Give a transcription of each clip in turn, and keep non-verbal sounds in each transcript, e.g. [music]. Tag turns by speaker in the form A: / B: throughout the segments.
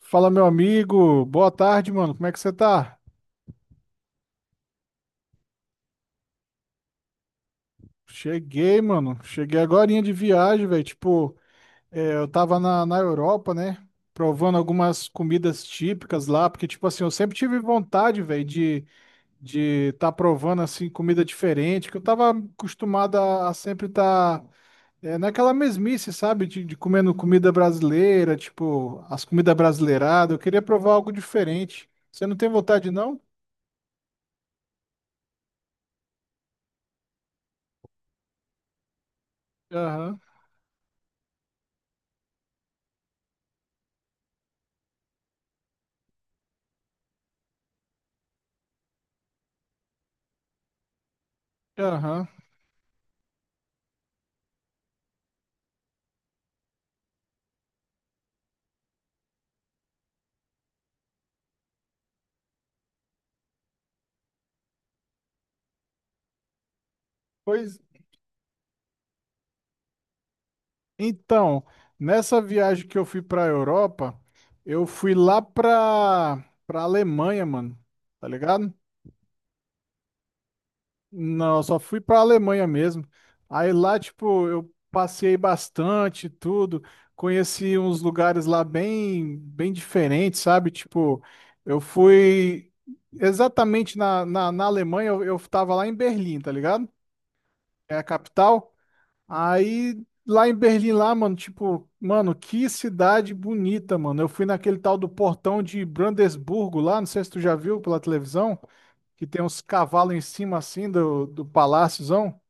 A: Fala, meu amigo. Boa tarde, mano. Como é que você tá? Cheguei, mano. Cheguei agorinha de viagem, velho. Tipo, eu tava na Europa, né? Provando algumas comidas típicas lá, porque, tipo assim, eu sempre tive vontade, velho, de tá provando, assim, comida diferente, que eu tava acostumado a sempre tá naquela mesmice, sabe? De comendo comida brasileira, tipo, as comidas brasileiradas. Eu queria provar algo diferente. Você não tem vontade, não? Aham, aham. Pois Então, nessa viagem que eu fui pra Europa, eu fui lá pra Alemanha, mano. Tá ligado? Não, eu só fui pra Alemanha mesmo. Aí lá, tipo, eu passei bastante, tudo. Conheci uns lugares lá bem, bem diferentes, sabe? Tipo, eu fui exatamente na Alemanha, eu tava lá em Berlim, tá ligado? É a capital. Aí lá em Berlim, lá, mano, tipo, mano, que cidade bonita, mano. Eu fui naquele tal do portão de Brandesburgo lá, não sei se tu já viu pela televisão, que tem uns cavalos em cima assim do paláciozão.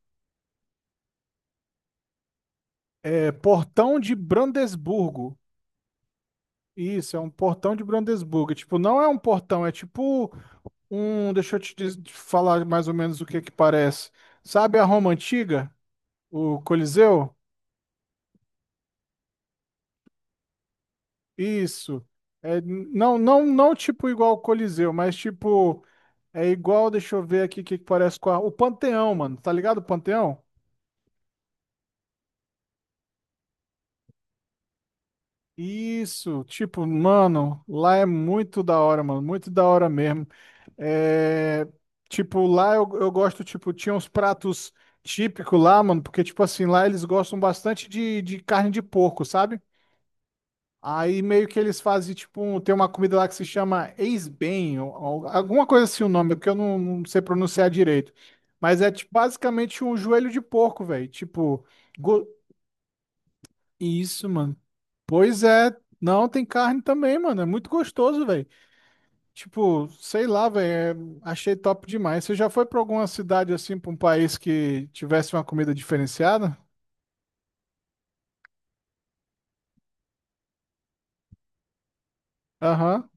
A: É portão de Brandesburgo. Isso, é um portão de Brandesburgo. Tipo, não é um portão, é tipo um. Deixa eu te diz- te falar mais ou menos o que que parece. Sabe a Roma Antiga? O Coliseu? Isso. É, não tipo igual o Coliseu, mas tipo, é igual, deixa eu ver aqui o que que parece com o Panteão, mano. Tá ligado o Panteão? Isso, tipo, mano, lá é muito da hora, mano, muito da hora mesmo. É, tipo, lá eu gosto, tipo, tinha uns pratos típicos lá, mano, porque, tipo assim, lá eles gostam bastante de carne de porco, sabe? Aí meio que eles fazem, tipo, tem uma comida lá que se chama ex-bem, ou alguma coisa assim o nome, porque eu não sei pronunciar direito. Mas é tipo, basicamente um joelho de porco, velho. Tipo, go- isso, mano. Pois é, não, tem carne também, mano. É muito gostoso, velho. Tipo, sei lá, velho. Achei top demais. Você já foi pra alguma cidade assim, pra um país que tivesse uma comida diferenciada? Aham,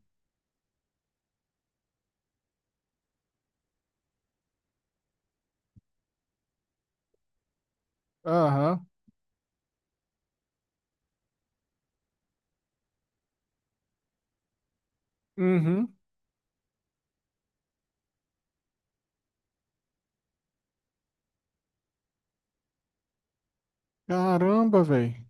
A: aham, uhum. Caramba, velho.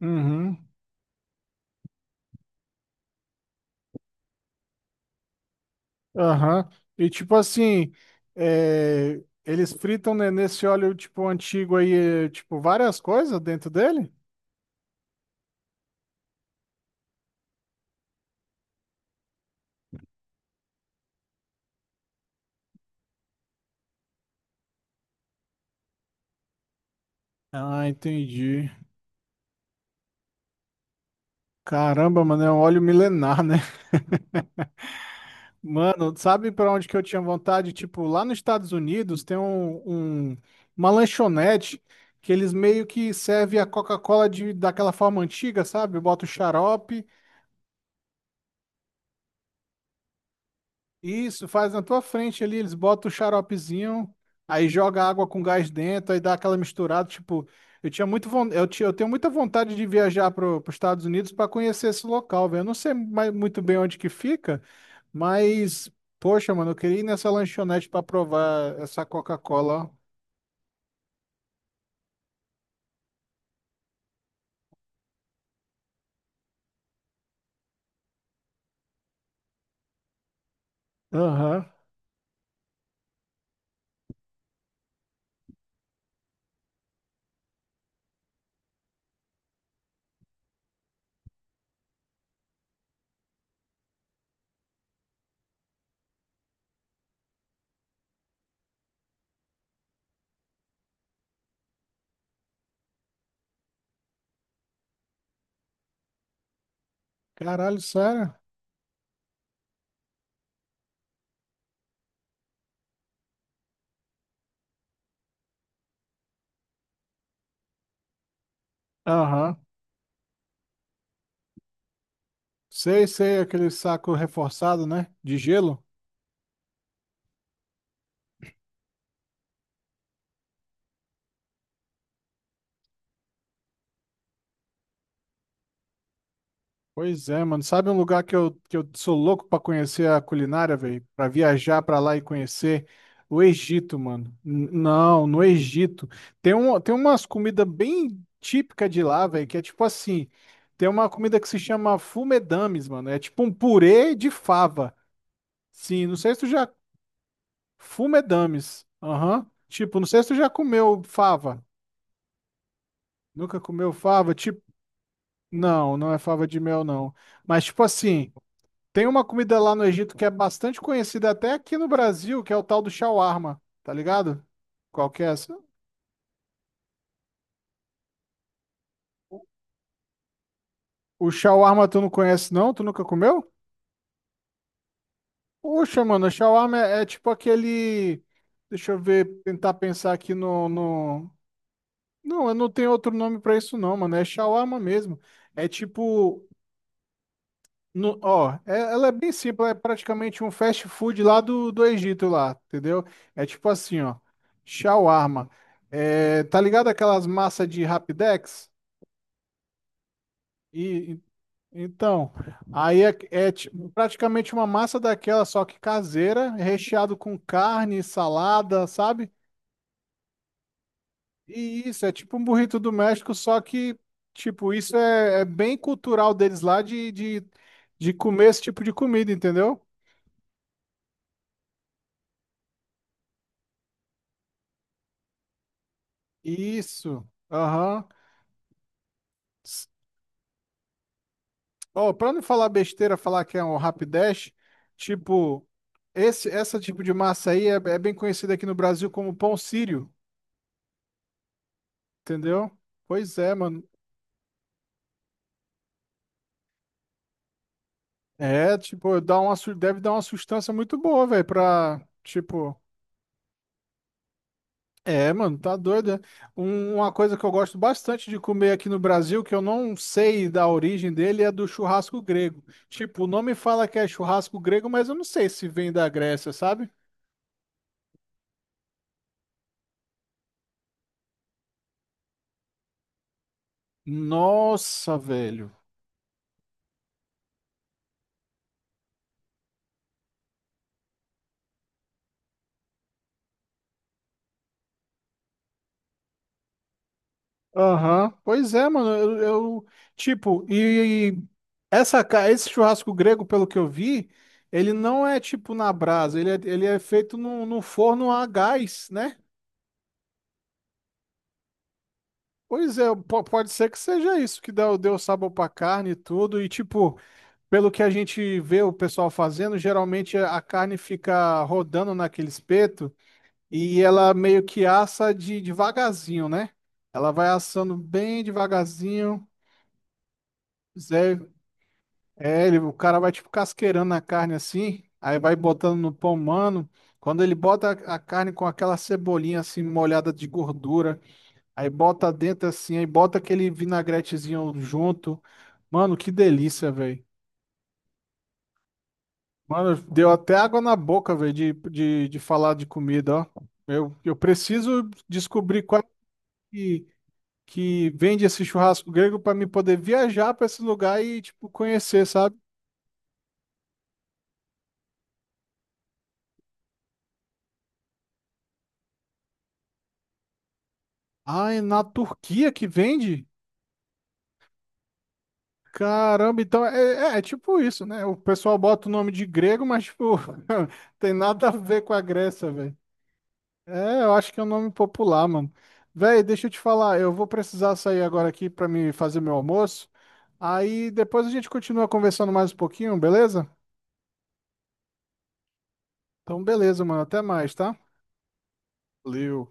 A: Uhum. Aham. E tipo assim, é, eles fritam, né, nesse óleo tipo antigo aí, é, tipo várias coisas dentro dele? Ah, entendi. Caramba, mano, é um óleo milenar, né? [laughs] Mano, sabe pra onde que eu tinha vontade? Tipo, lá nos Estados Unidos tem uma lanchonete que eles meio que servem a Coca-Cola de daquela forma antiga, sabe? Bota o xarope. Isso, faz na tua frente ali, eles botam o xaropezinho, aí joga água com gás dentro, aí dá aquela misturada, tipo, eu tinha muito, von- eu tinha, eu tenho muita vontade de viajar para os Estados Unidos para conhecer esse local, velho. Eu não sei mais, muito bem onde que fica, mas poxa, mano, eu queria ir nessa lanchonete para provar essa Coca-Cola. Ó. Aham. Caralho, sério? Aham. Sei, sei, aquele saco reforçado, né? De gelo. Pois é, mano. Sabe um lugar que eu sou louco pra conhecer a culinária, velho? Pra viajar pra lá e conhecer o Egito, mano. Não, no Egito. Tem, um, tem umas comidas bem típicas de lá, velho, que é tipo assim. Tem uma comida que se chama fumedames, mano. É tipo um purê de fava. Sim, não sei se tu já. Fumedames. Aham. Tipo, não sei se tu já comeu fava. Nunca comeu fava? Tipo, não é fava de mel, não. Mas tipo assim. Tem uma comida lá no Egito que é bastante conhecida até aqui no Brasil, que é o tal do shawarma, tá ligado? Qual que é essa? O shawarma tu não conhece não? Tu nunca comeu? Poxa, mano, o shawarma é tipo aquele... Deixa eu ver, tentar pensar aqui no... Não, eu não tenho outro nome pra isso não, mano. É shawarma mesmo. É tipo No, ó, ela é bem simples, é praticamente um fast food lá do Egito lá, entendeu? É tipo assim, ó, shawarma. É, tá ligado aquelas massas de Rapidex? E, e- então, aí praticamente uma massa daquela, só que caseira, recheado com carne, salada, sabe? E isso, é tipo um burrito do México, só que, tipo, isso é bem cultural deles lá de comer esse tipo de comida, entendeu? Isso. Aham. Ó, pra não falar besteira, falar que é um rapidash, tipo, essa tipo de massa aí é bem conhecida aqui no Brasil como pão sírio, entendeu? Pois é, mano. É, tipo, dá uma, deve dar uma sustância muito boa, velho, pra, tipo... É, mano, tá doido, né? Uma coisa que eu gosto bastante de comer aqui no Brasil, que eu não sei da origem dele, é do churrasco grego. Tipo, o nome fala que é churrasco grego, mas eu não sei se vem da Grécia, sabe? Nossa, velho. Aham, pois é, mano. Tipo, e essa, esse churrasco grego, pelo que eu vi, ele não é tipo na brasa, ele é feito num forno a gás, né? Pois é, pode ser que seja isso que deu sabor pra carne e tudo. E, tipo, pelo que a gente vê o pessoal fazendo, geralmente a carne fica rodando naquele espeto e ela meio que assa de devagarzinho, né? Ela vai assando bem devagarzinho. Zé. É, ele, o cara vai tipo casqueirando a carne assim, aí vai botando no pão, mano. Quando ele bota a carne com aquela cebolinha assim molhada de gordura, aí bota dentro assim, aí bota aquele vinagretezinho junto. Mano, que delícia, velho. Mano, deu até água na boca, velho, de falar de comida, ó. Eu preciso descobrir qual que, que vende esse churrasco grego para me poder viajar para esse lugar e, tipo, conhecer, sabe? Ah, é na Turquia que vende? Caramba, então é tipo isso, né? O pessoal bota o nome de grego, mas tipo, [laughs] tem nada a ver com a Grécia, velho. É, eu acho que é um nome popular, mano. Velho, deixa eu te falar, eu vou precisar sair agora aqui pra me fazer meu almoço. Aí depois a gente continua conversando mais um pouquinho, beleza? Então, beleza, mano. Até mais, tá? Valeu.